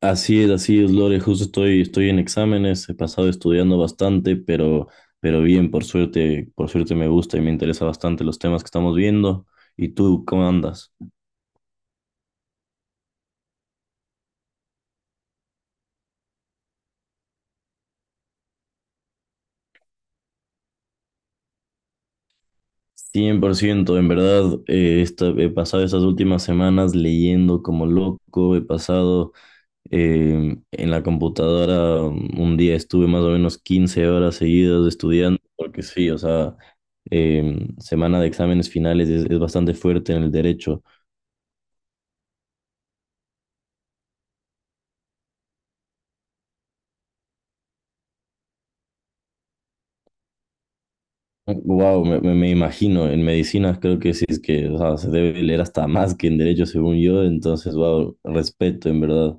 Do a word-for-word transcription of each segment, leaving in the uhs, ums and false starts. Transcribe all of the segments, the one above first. Así es, así es, Lore. Justo estoy, estoy en exámenes, he pasado estudiando bastante, pero, pero bien, por suerte, por suerte me gusta y me interesa bastante los temas que estamos viendo. ¿Y tú, cómo andas? Cien por ciento, en verdad, eh, esta- he pasado estas últimas semanas leyendo como loco, he pasado eh, en la computadora, um, un día estuve más o menos quince horas seguidas estudiando, porque sí, o sea, em, semana de exámenes finales es, es bastante fuerte en el derecho. Wow, me, me- me imagino, en medicinas creo que sí es que, o sea, se debe leer hasta más que en derecho según yo, entonces, wow, respeto en verdad.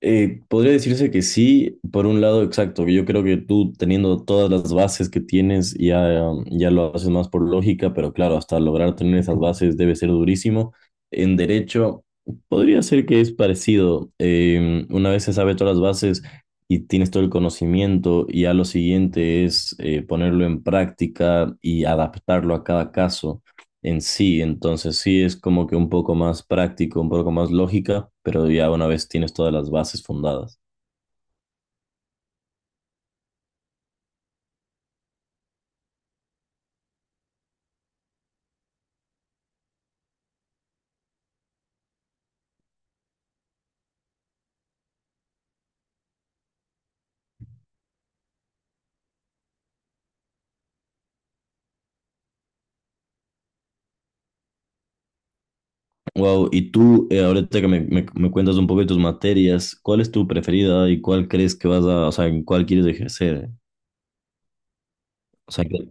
Eh, podría decirse que sí, por un lado, exacto. Yo creo que tú teniendo todas las bases que tienes ya, um, ya lo haces más por lógica, pero claro, hasta lograr tener esas bases debe ser durísimo. En derecho, podría ser que es parecido. Eh, una vez se sabe todas las bases y tienes todo el conocimiento, y ya lo siguiente es eh, ponerlo en práctica y adaptarlo a cada caso en sí. Entonces sí es como que un poco más práctico, un poco más lógica, pero ya una vez tienes todas las bases fundadas. Wow, y tú, eh, ahorita que me, me- me cuentas un poco de tus materias, ¿cuál es tu preferida y cuál crees que vas a, o sea, en cuál quieres ejercer? O sea, que-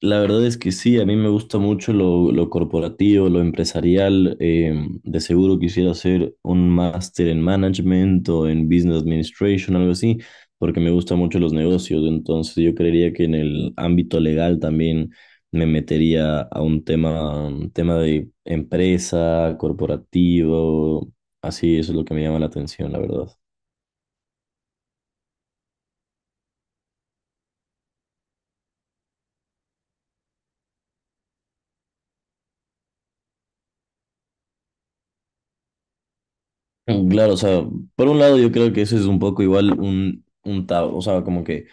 la verdad es que sí, a mí me gusta mucho lo, lo corporativo, lo empresarial. Eh, de seguro quisiera hacer un máster en management o en business administration, algo así, porque me gustan mucho los negocios. Entonces yo creería que en el ámbito legal también me metería a un tema, un tema de empresa, corporativo. Así, eso es lo que me llama la atención, la verdad. Mm, claro, o sea, por un lado yo creo que eso es un poco igual un, un tabú, o sea, como que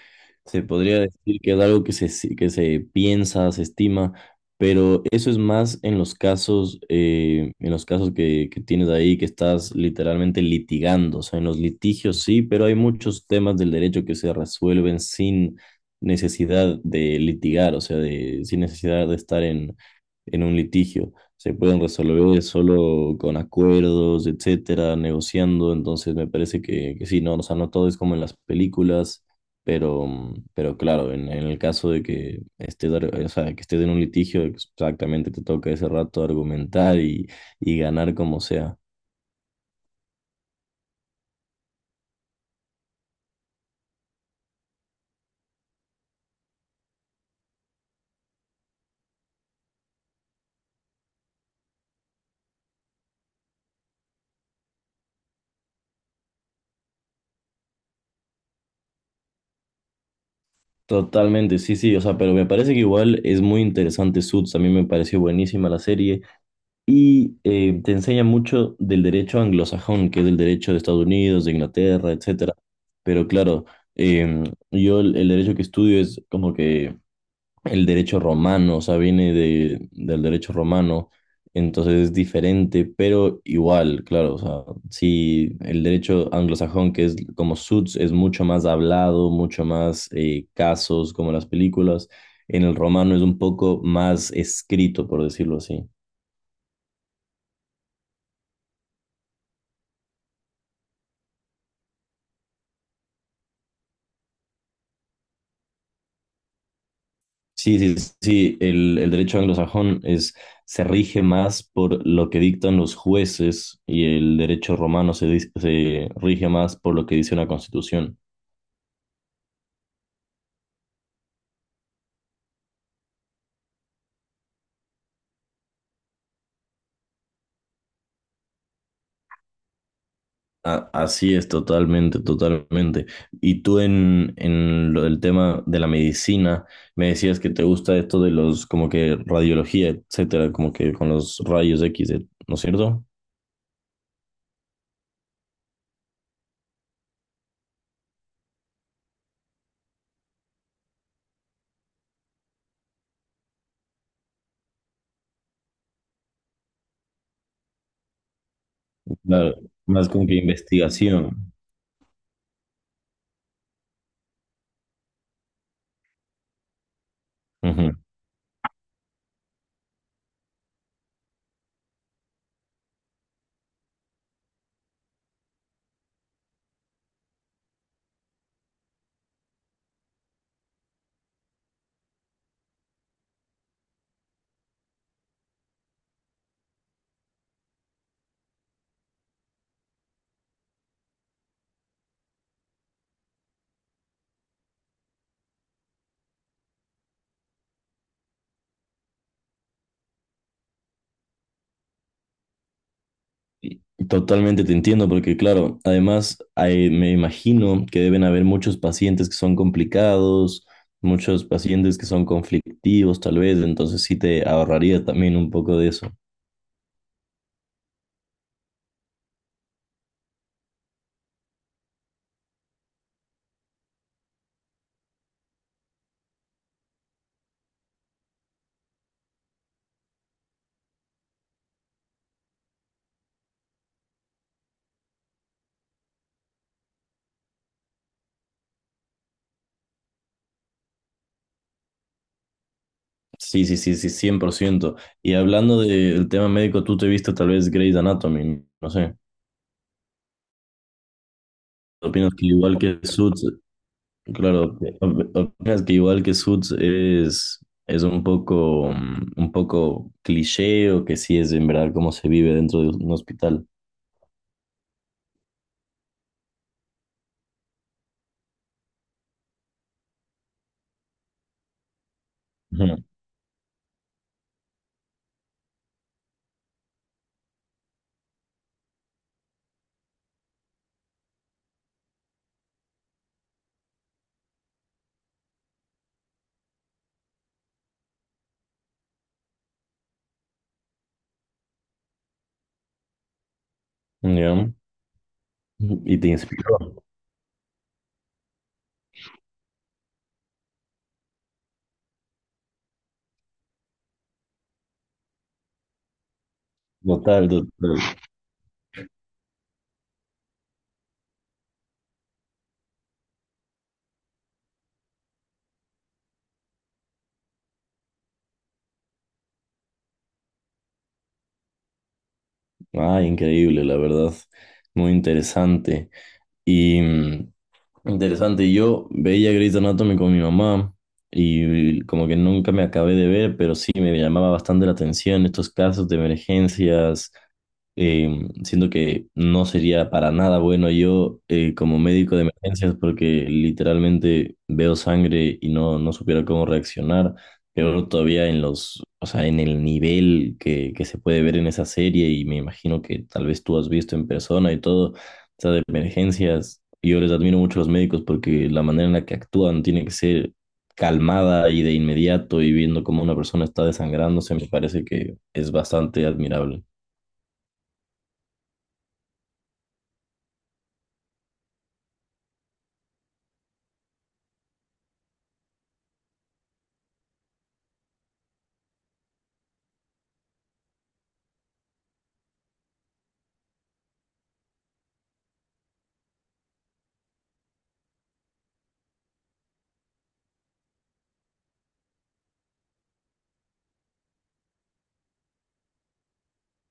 se podría decir que es algo que se, si- que se piensa, se estima, pero eso es más en los casos, eh, en los casos que, que tienes ahí, que estás literalmente litigando, o sea, en los litigios sí, pero hay muchos temas del derecho que se resuelven sin necesidad de litigar, o sea, de, sin necesidad de estar en, en un litigio se pueden resolver solo con acuerdos, etcétera, negociando. Entonces me parece que, que sí, no, o sea, no todo es como en las películas, pero, mm, pero claro, en, en el caso de que estés, ar- o sea, que estés en un litigio, exactamente te toca ese rato argumentar y, y ganar como sea. Totalmente, sí, sí, o sea, pero me parece que igual es muy interesante Suits, a mí me pareció buenísima la serie. Y eh, te enseña mucho del derecho anglosajón, que es el derecho de Estados Unidos, de Inglaterra, etcétera. Pero claro, em, yo el, el derecho que estudio es como que el derecho romano, o sea, viene de, del derecho romano, entonces es diferente, pero igual, claro, o sea, sí, el derecho anglosajón, que es como Suits, es mucho más hablado, mucho más eh, casos, como las películas. En el romano es un poco más escrito, por decirlo así. Sí, sí, sí, el, el derecho anglosajón es, se rige más por lo que dictan los jueces y el derecho romano se, dis- se rige más por lo que dice una constitución. A- así es, totalmente, totalmente. Y tú en, en lo del tema de la medicina, me decías que te gusta esto de los, como que radiología, etcétera, como que con los rayos equis, ¿no es cierto? Claro, más como que investigación. Totalmente te entiendo, porque claro, además hay- me imagino que deben haber muchos pacientes que son complicados, muchos pacientes que son conflictivos tal vez, entonces sí te ahorraría también un poco de eso. Sí, sí, sí, sí, cien por ciento. Y hablando del tema médico, tú te viste tal vez Grey's Anatomy, no sé. ¿Opinas que igual que Suits, claro, op- opinas que igual que Suits es, es un poco, mm, un poco cliché o que sí es en verdad cómo se vive dentro de un hospital? Ujú, ya. Y te inspiró. Total, total. Ay, increíble, la verdad. Muy interesante. Y mm, interesante, yo veía Grey's Anatomy con mi mamá y como que nunca me acabé de ver, pero sí me llamaba bastante la atención estos casos de emergencias. Eh, siento que no sería para nada bueno yo eh, como médico de emergencias porque literalmente veo sangre y no, no supiera cómo reaccionar. Pero todavía en los, o sea, en el nivel que, que se puede ver en esa serie y me imagino que tal vez tú has visto en persona y todo, o sea, de emergencias. Y yo les admiro mucho a los médicos porque la manera en la que actúan tiene que ser calmada y de inmediato y viendo cómo una persona está desangrándose, me parece que es bastante admirable.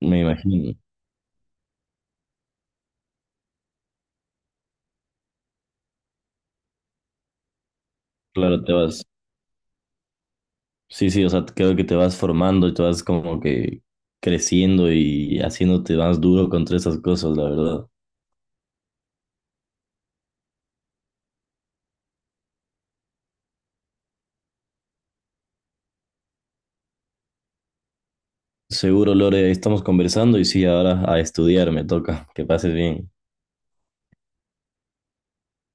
Me imagino, claro, te vas, sí, sí, o sea, creo que te vas formando y te vas como que creciendo y haciéndote más duro contra esas cosas, la verdad. Seguro, Lore, estamos conversando y sí, ahora a estudiar me toca. Que pases bien.